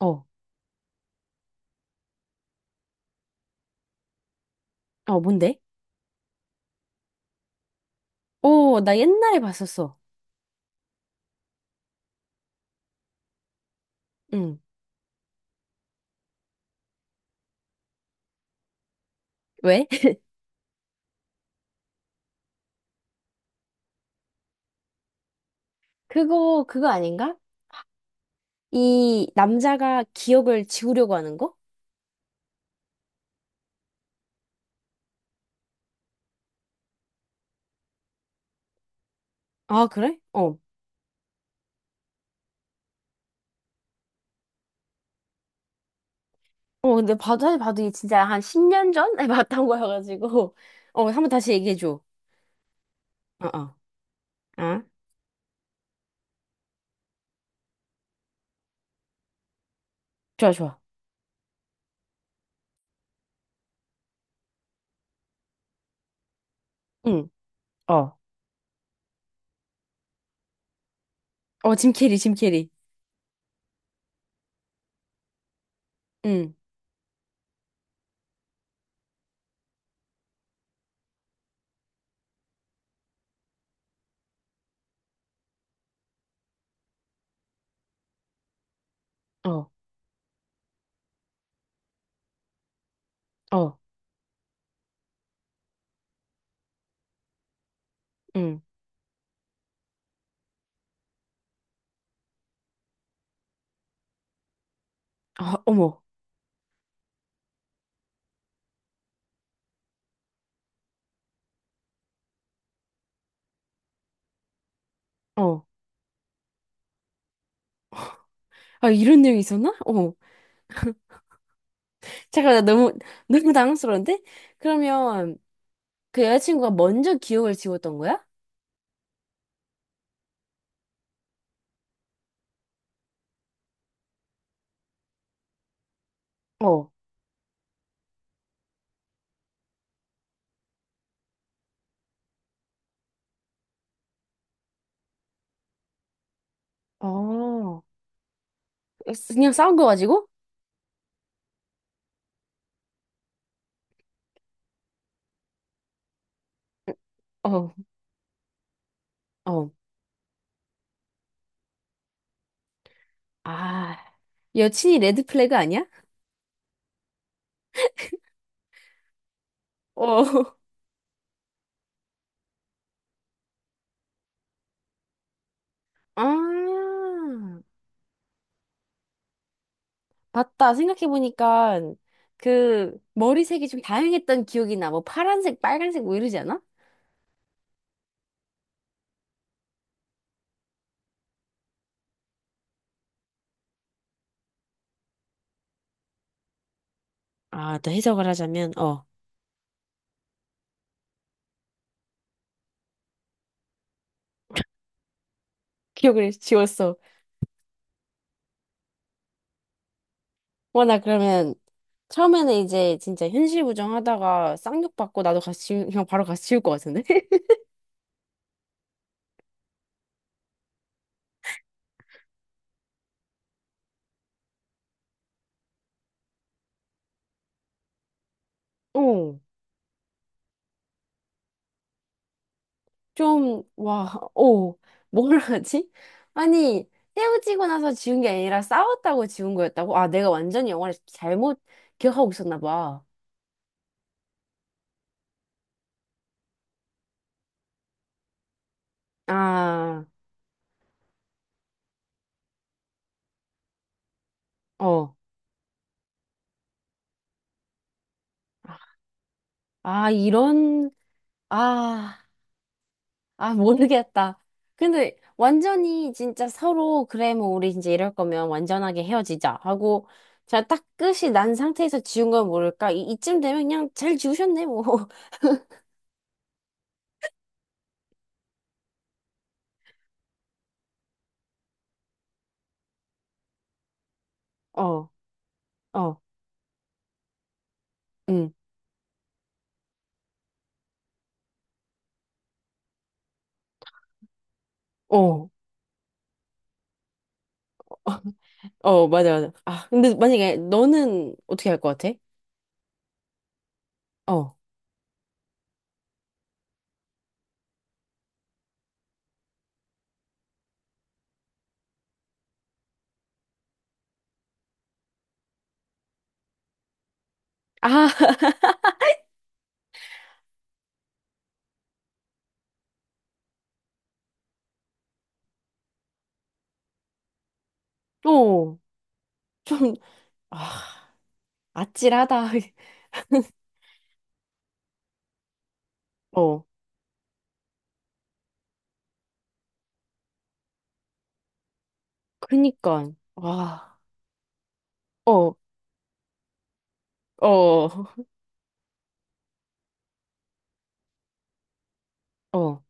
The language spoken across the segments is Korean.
어, 어, 뭔데? 오, 나 옛날에 봤었어. 응. 왜? 그거, 그거 아닌가? 이 남자가 기억을 지우려고 하는 거? 아, 그래? 어. 어, 근데 봐도, 사실 봐도 이게 진짜 한 10년 전에 봤던 거여가지고. 어, 한번 다시 얘기해줘. 어, 어. 아, 좋아, 좋아. 응, 어. 어, 짐 캐리, 짐 캐리. 응, 어, 어, 응. 아, 어머, 어. 아, 이런 내용이 있었나? 어머. 잠깐, 나 너무, 너무 당황스러운데? 그러면, 그 여자친구가 먼저 기억을 지웠던 거야? 어, 어, 그냥 싸운 거 가지고? 어, 어. 아, 여친이 레드 플래그 아니야? 어. 아, 맞다. 생각해보니까 그 머리색이 좀 다양했던 기억이 나. 뭐 파란색, 빨간색 뭐 이러지 않아? 아, 또 해석을 하자면, 어, 기억을 지웠어. 와, 나 그러면 처음에는 이제 진짜 현실 부정하다가 쌍욕 받고 나도 같이, 그냥 바로 같이 지울 것 같은데? 어. 좀, 와, 어, 뭘 하지? 아니, 헤어지고 나서 지운 게 아니라 싸웠다고 지운 거였다고? 아, 내가 완전히 영화를 잘못 기억하고 있었나 봐. 아, 어. 아, 이런, 아, 아, 모르겠다. 근데 완전히 진짜 서로, 그래, 뭐, 우리 이제 이럴 거면 완전하게 헤어지자 하고, 제가 딱 끝이 난 상태에서 지운 건 모를까? 이, 이쯤 되면 그냥 잘 지우셨네, 뭐. 어, 어, 응, 어. 어, 맞아, 맞아. 아, 근데 만약에 너는 어떻게 할 것 같아? 어. 아, 어, 좀, 아, 아찔하다. 어, 그니까. 와, 어, 어, 어, 어,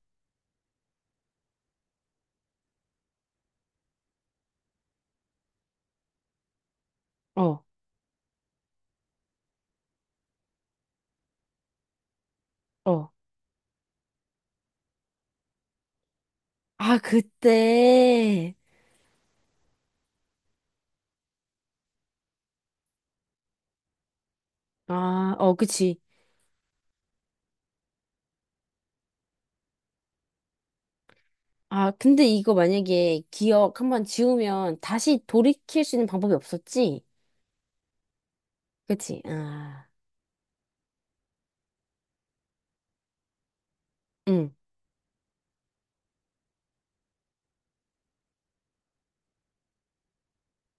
어. 어. 아, 그때. 아, 어, 그치. 아, 근데 이거 만약에 기억 한번 지우면 다시 돌이킬 수 있는 방법이 없었지? 그치? 아, 응,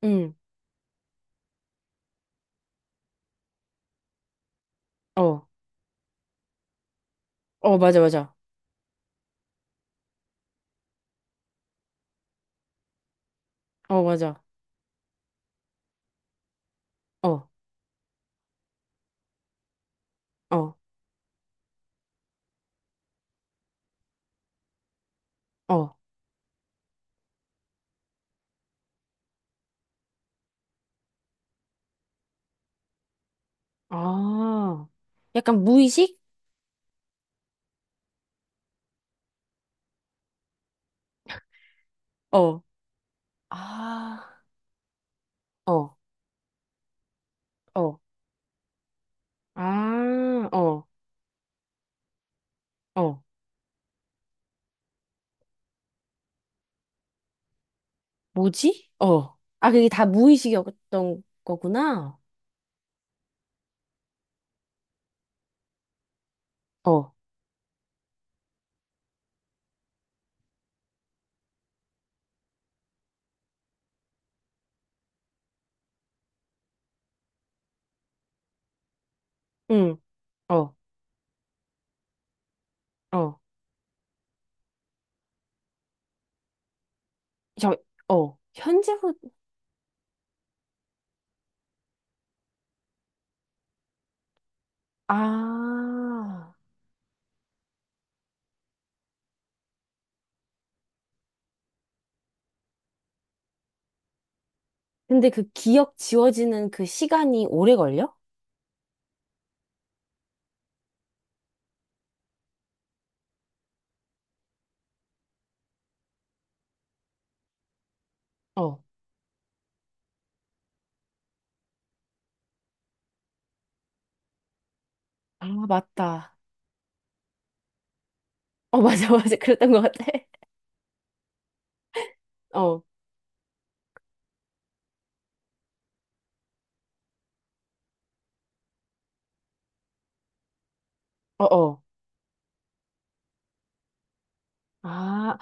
응, 어, 어, 맞아, 맞아. 어, 맞아. 어, 어, 어. 아, 약간 무의식? 어, 아, 어, 어. 아, 어, 어. 뭐지? 어. 아, 그게 다 무의식이었던 거구나. 어, 응, 어, 어. 저, 어. 현재로, 아. 근데 그 기억 지워지는 그 시간이 오래 걸려? 어. 아, 맞다. 어, 맞아, 맞아. 그랬던 것 같아. 어, 어, 어. 아,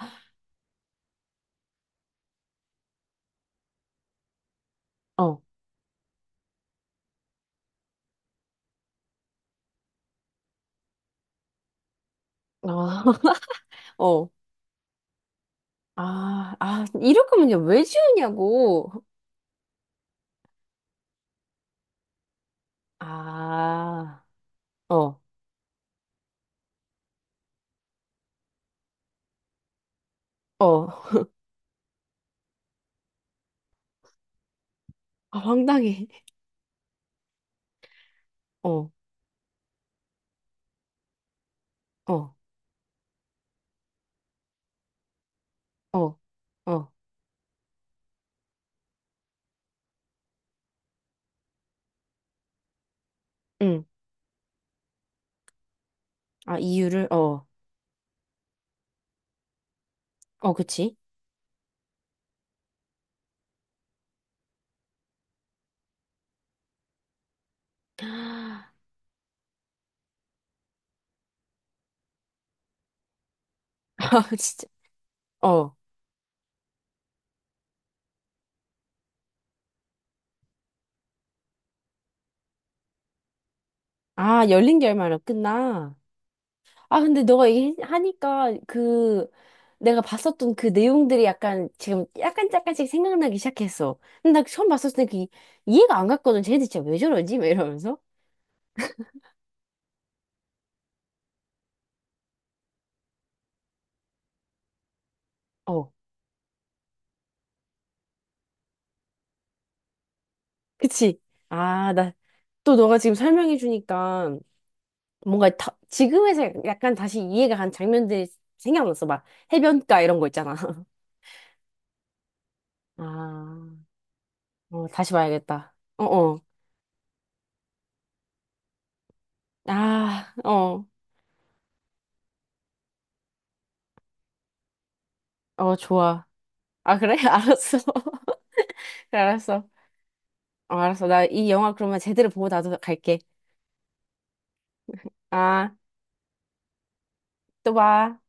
어, 어, 어. 아, 아, 이럴 거면 왜 지우냐고. 아, 어, 어. 아, 황당해. 어, 어, 어, 어. 응. 아, 이유를, 어. 어, 그치. 아, 진짜. 어. 아, 열린 결말로 끝나. 아, 근데 너가 얘기하니까 그 내가 봤었던 그 내용들이 약간 지금 약간 약간씩 생각나기 시작했어. 근데 나 처음 봤었을 때 그 이해가 안 갔거든. 쟤네들 진짜 왜 저러지? 막 이러면서. 그치? 아, 나, 또 너가 지금 설명해 주니까 뭔가 다, 지금에서 약간 다시 이해가 간 장면들이 생각났어. 막 해변가 이런 거 있잖아. 아, 어, 다시 봐야겠다. 어, 어. 아, 어, 어, 좋아. 아, 그래? 알았어. 그래, 알았어. 어, 알았어. 나 이 영화 그러면 제대로 보고 나도 갈게. 아, 또 봐.